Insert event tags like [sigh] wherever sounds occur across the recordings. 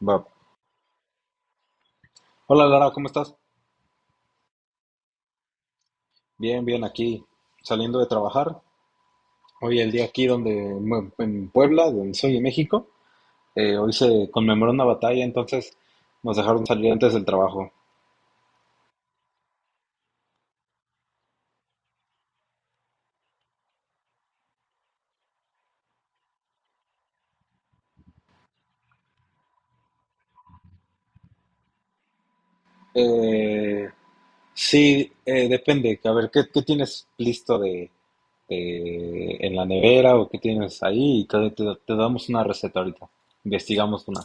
Va. Hola Lara, ¿cómo estás? Bien, bien, aquí saliendo de trabajar. Hoy el día aquí donde en Puebla, donde soy en México, hoy se conmemoró una batalla, entonces nos dejaron salir antes del trabajo. Eh, sí, depende. A ver, ¿qué tienes listo en la nevera o qué tienes ahí? Y te damos una receta ahorita. Investigamos una.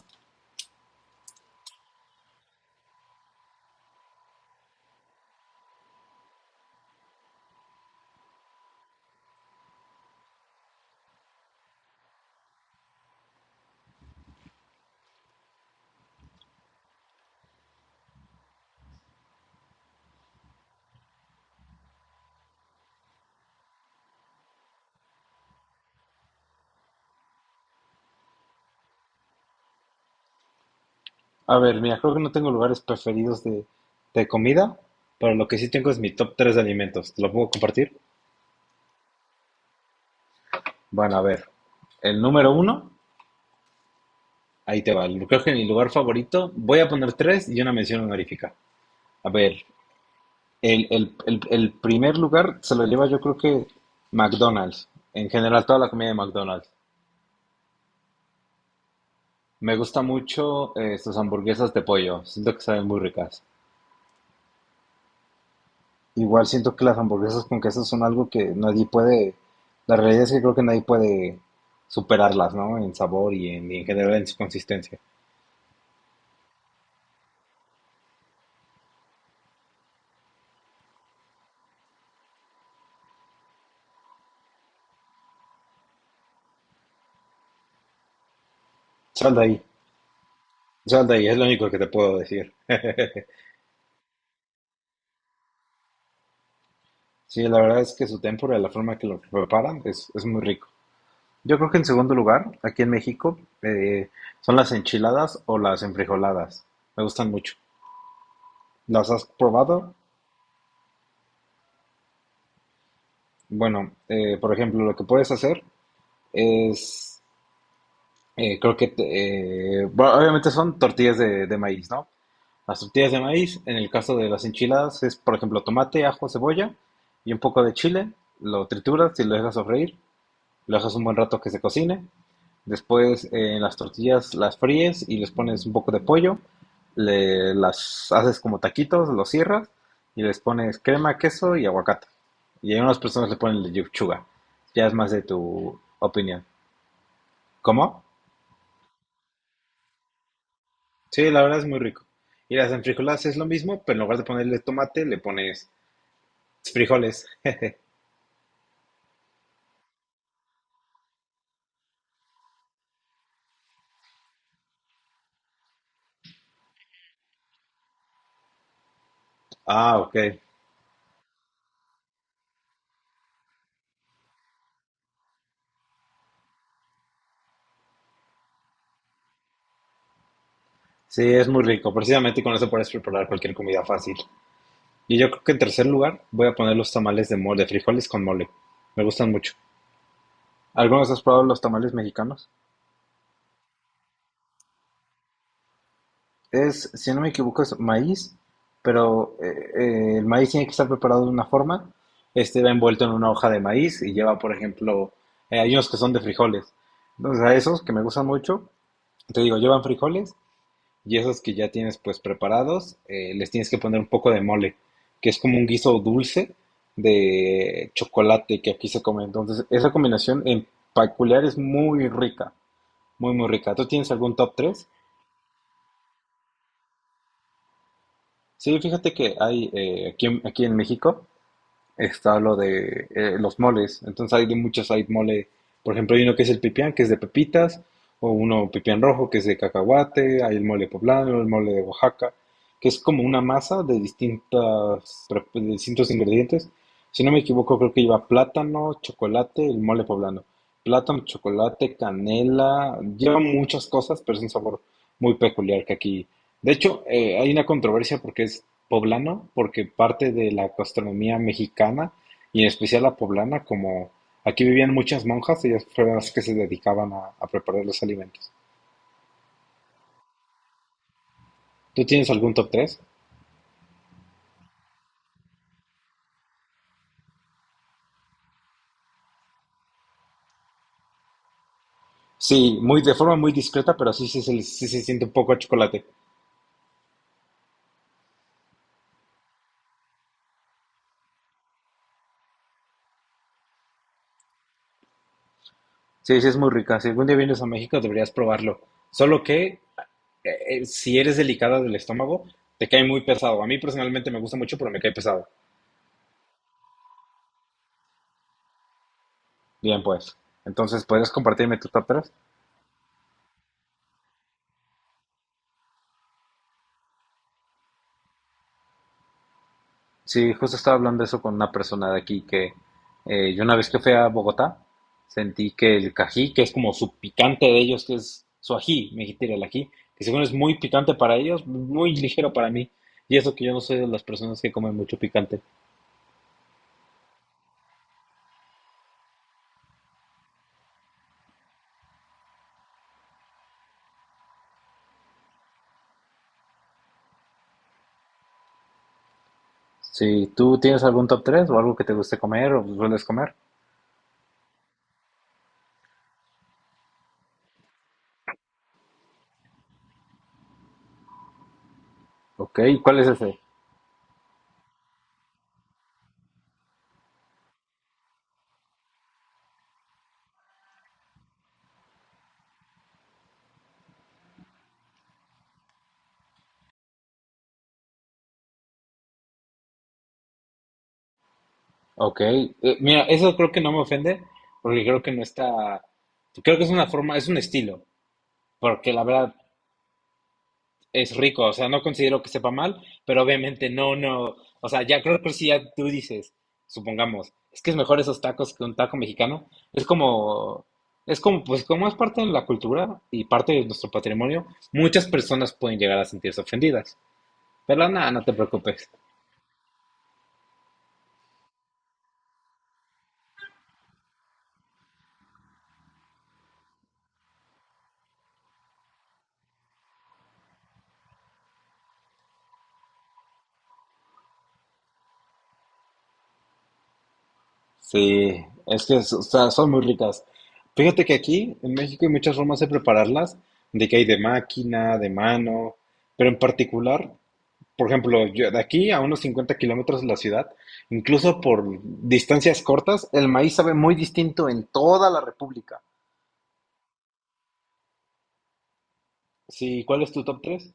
A ver, mira, creo que no tengo lugares preferidos de comida, pero lo que sí tengo es mi top 3 de alimentos. ¿Te lo puedo compartir? Bueno, a ver. El número uno, ahí te va. Creo que mi lugar favorito, voy a poner tres y una mención honorífica. A ver, el primer lugar se lo lleva yo creo que McDonald's. En general, toda la comida de McDonald's. Me gusta mucho, sus hamburguesas de pollo. Siento que saben muy ricas. Igual siento que las hamburguesas con queso son algo que nadie puede, la realidad es que creo que nadie puede superarlas, ¿no? En sabor y en general en su consistencia. Sal de ahí, sal de ahí, es lo único que te puedo decir. [laughs] Sí, la verdad es que su tempura, la forma que lo preparan, es muy rico. Yo creo que en segundo lugar, aquí en México, son las enchiladas o las enfrijoladas. Me gustan mucho. ¿Las has probado? Bueno, por ejemplo, lo que puedes hacer es. Creo que, bueno, obviamente son tortillas de maíz, ¿no? Las tortillas de maíz, en el caso de las enchiladas, es, por ejemplo, tomate, ajo, cebolla y un poco de chile. Lo trituras y lo dejas sofreír. Lo dejas un buen rato que se cocine. Después, las tortillas las fríes y les pones un poco de pollo. Las haces como taquitos, los cierras y les pones crema, queso y aguacate. Y hay unas personas le ponen lechuga. Ya es más de tu opinión. ¿Cómo? Sí, la verdad es muy rico. Y las enfrijoladas es lo mismo, pero en lugar de ponerle tomate, le pones frijoles. Ah, ok. Sí, es muy rico. Precisamente con eso puedes preparar cualquier comida fácil. Y yo creo que en tercer lugar voy a poner los tamales de mole, de frijoles con mole. Me gustan mucho. ¿Algunos has probado los tamales mexicanos? Es, si no me equivoco, es maíz, pero el maíz tiene que estar preparado de una forma. Este va envuelto en una hoja de maíz y lleva, por ejemplo, hay unos que son de frijoles. Entonces, a esos que me gustan mucho, te digo, llevan frijoles y esos que ya tienes pues preparados, les tienes que poner un poco de mole, que es como un guiso dulce de chocolate que aquí se come. Entonces, esa combinación en peculiar es muy rica, muy, muy rica. ¿Tú tienes algún top 3? Sí, fíjate que hay, aquí, aquí en México está lo de, los moles. Entonces hay de muchos, hay mole, por ejemplo, hay uno que es el pipián, que es de pepitas, o uno pipián rojo, que es de cacahuate, hay el mole poblano, el mole de Oaxaca, que es como una masa de de distintos ingredientes. Si no me equivoco, creo que lleva plátano, chocolate, el mole poblano. Plátano, chocolate, canela, lleva muchas cosas, pero es un sabor muy peculiar que aquí. De hecho, hay una controversia porque es poblano porque parte de la gastronomía mexicana y en especial la poblana, como aquí vivían muchas monjas, ellas fueron las que se dedicaban a preparar los alimentos. ¿Tú tienes algún top tres? Sí, muy de forma muy discreta, pero sí, sí, sí se siente un poco a chocolate. Sí, sí, es muy rica. Si algún día vienes a México, deberías probarlo. Solo que si eres delicada del estómago, te cae muy pesado. A mí personalmente me gusta mucho, pero me cae pesado. Bien, pues. Entonces, ¿podrías compartirme tu top tres? Sí, justo estaba hablando de eso con una persona de aquí que, yo una vez que fui a Bogotá sentí que el cají, que es como su picante de ellos, que es su ají, me dijiste el ají, que según es muy picante para ellos, muy ligero para mí. Y eso que yo no soy de las personas que comen mucho picante. Si tú tienes algún top 3 o algo que te guste comer o sueles comer. Ok, ¿cuál es ese? Ok, mira, eso creo que no me ofende porque creo que no está, creo que es una forma, es un estilo, porque la verdad es rico, o sea, no considero que sepa mal, pero obviamente no, no, o sea, ya creo que si ya tú dices, supongamos, es que es mejor esos tacos que un taco mexicano, es como, pues como es parte de la cultura y parte de nuestro patrimonio, muchas personas pueden llegar a sentirse ofendidas, pero nada, no te preocupes. Sí, es que o sea, son muy ricas. Fíjate que aquí en México hay muchas formas de prepararlas, de que hay de máquina, de mano, pero en particular. Por ejemplo, yo de aquí a unos 50 kilómetros de la ciudad, incluso por distancias cortas, el maíz sabe muy distinto en toda la República. Sí, ¿cuál es tu top 3?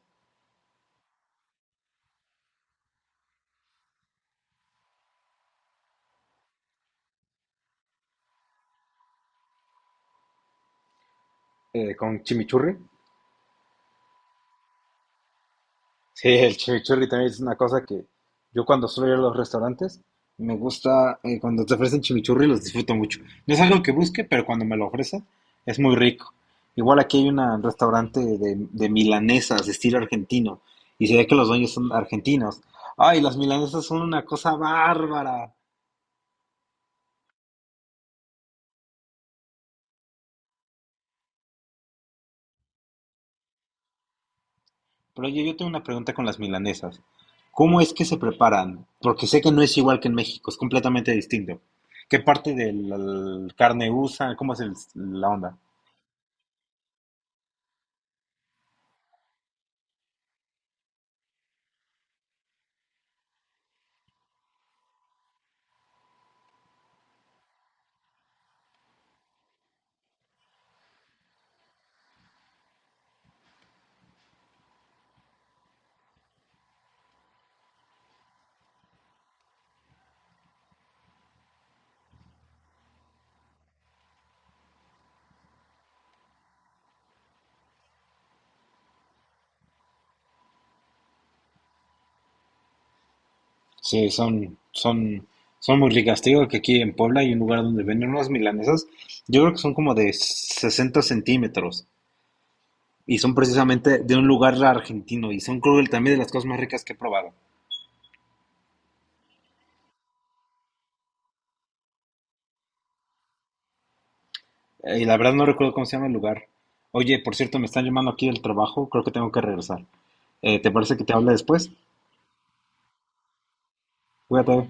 Con chimichurri. Sí, el chimichurri también es una cosa que yo cuando suelo ir a los restaurantes, me gusta, cuando te ofrecen chimichurri los disfruto mucho. No es algo que busque, pero cuando me lo ofrecen es muy rico. Igual aquí hay un restaurante de milanesas, de estilo argentino, y se ve que los dueños son argentinos. Ay, las milanesas son una cosa bárbara. Pero oye, yo tengo una pregunta con las milanesas. ¿Cómo es que se preparan? Porque sé que no es igual que en México, es completamente distinto. ¿Qué parte de la carne usan? ¿Cómo es el- la onda? Sí, son muy ricas. Te digo que aquí en Puebla hay un lugar donde venden unas milanesas. Yo creo que son como de 60 centímetros. Y son precisamente de un lugar argentino y son creo que también de las cosas más ricas que he probado. Y la verdad no recuerdo cómo se llama el lugar. Oye, por cierto, me están llamando aquí del trabajo, creo que tengo que regresar. ¿Te parece que te hable después? Cuídate.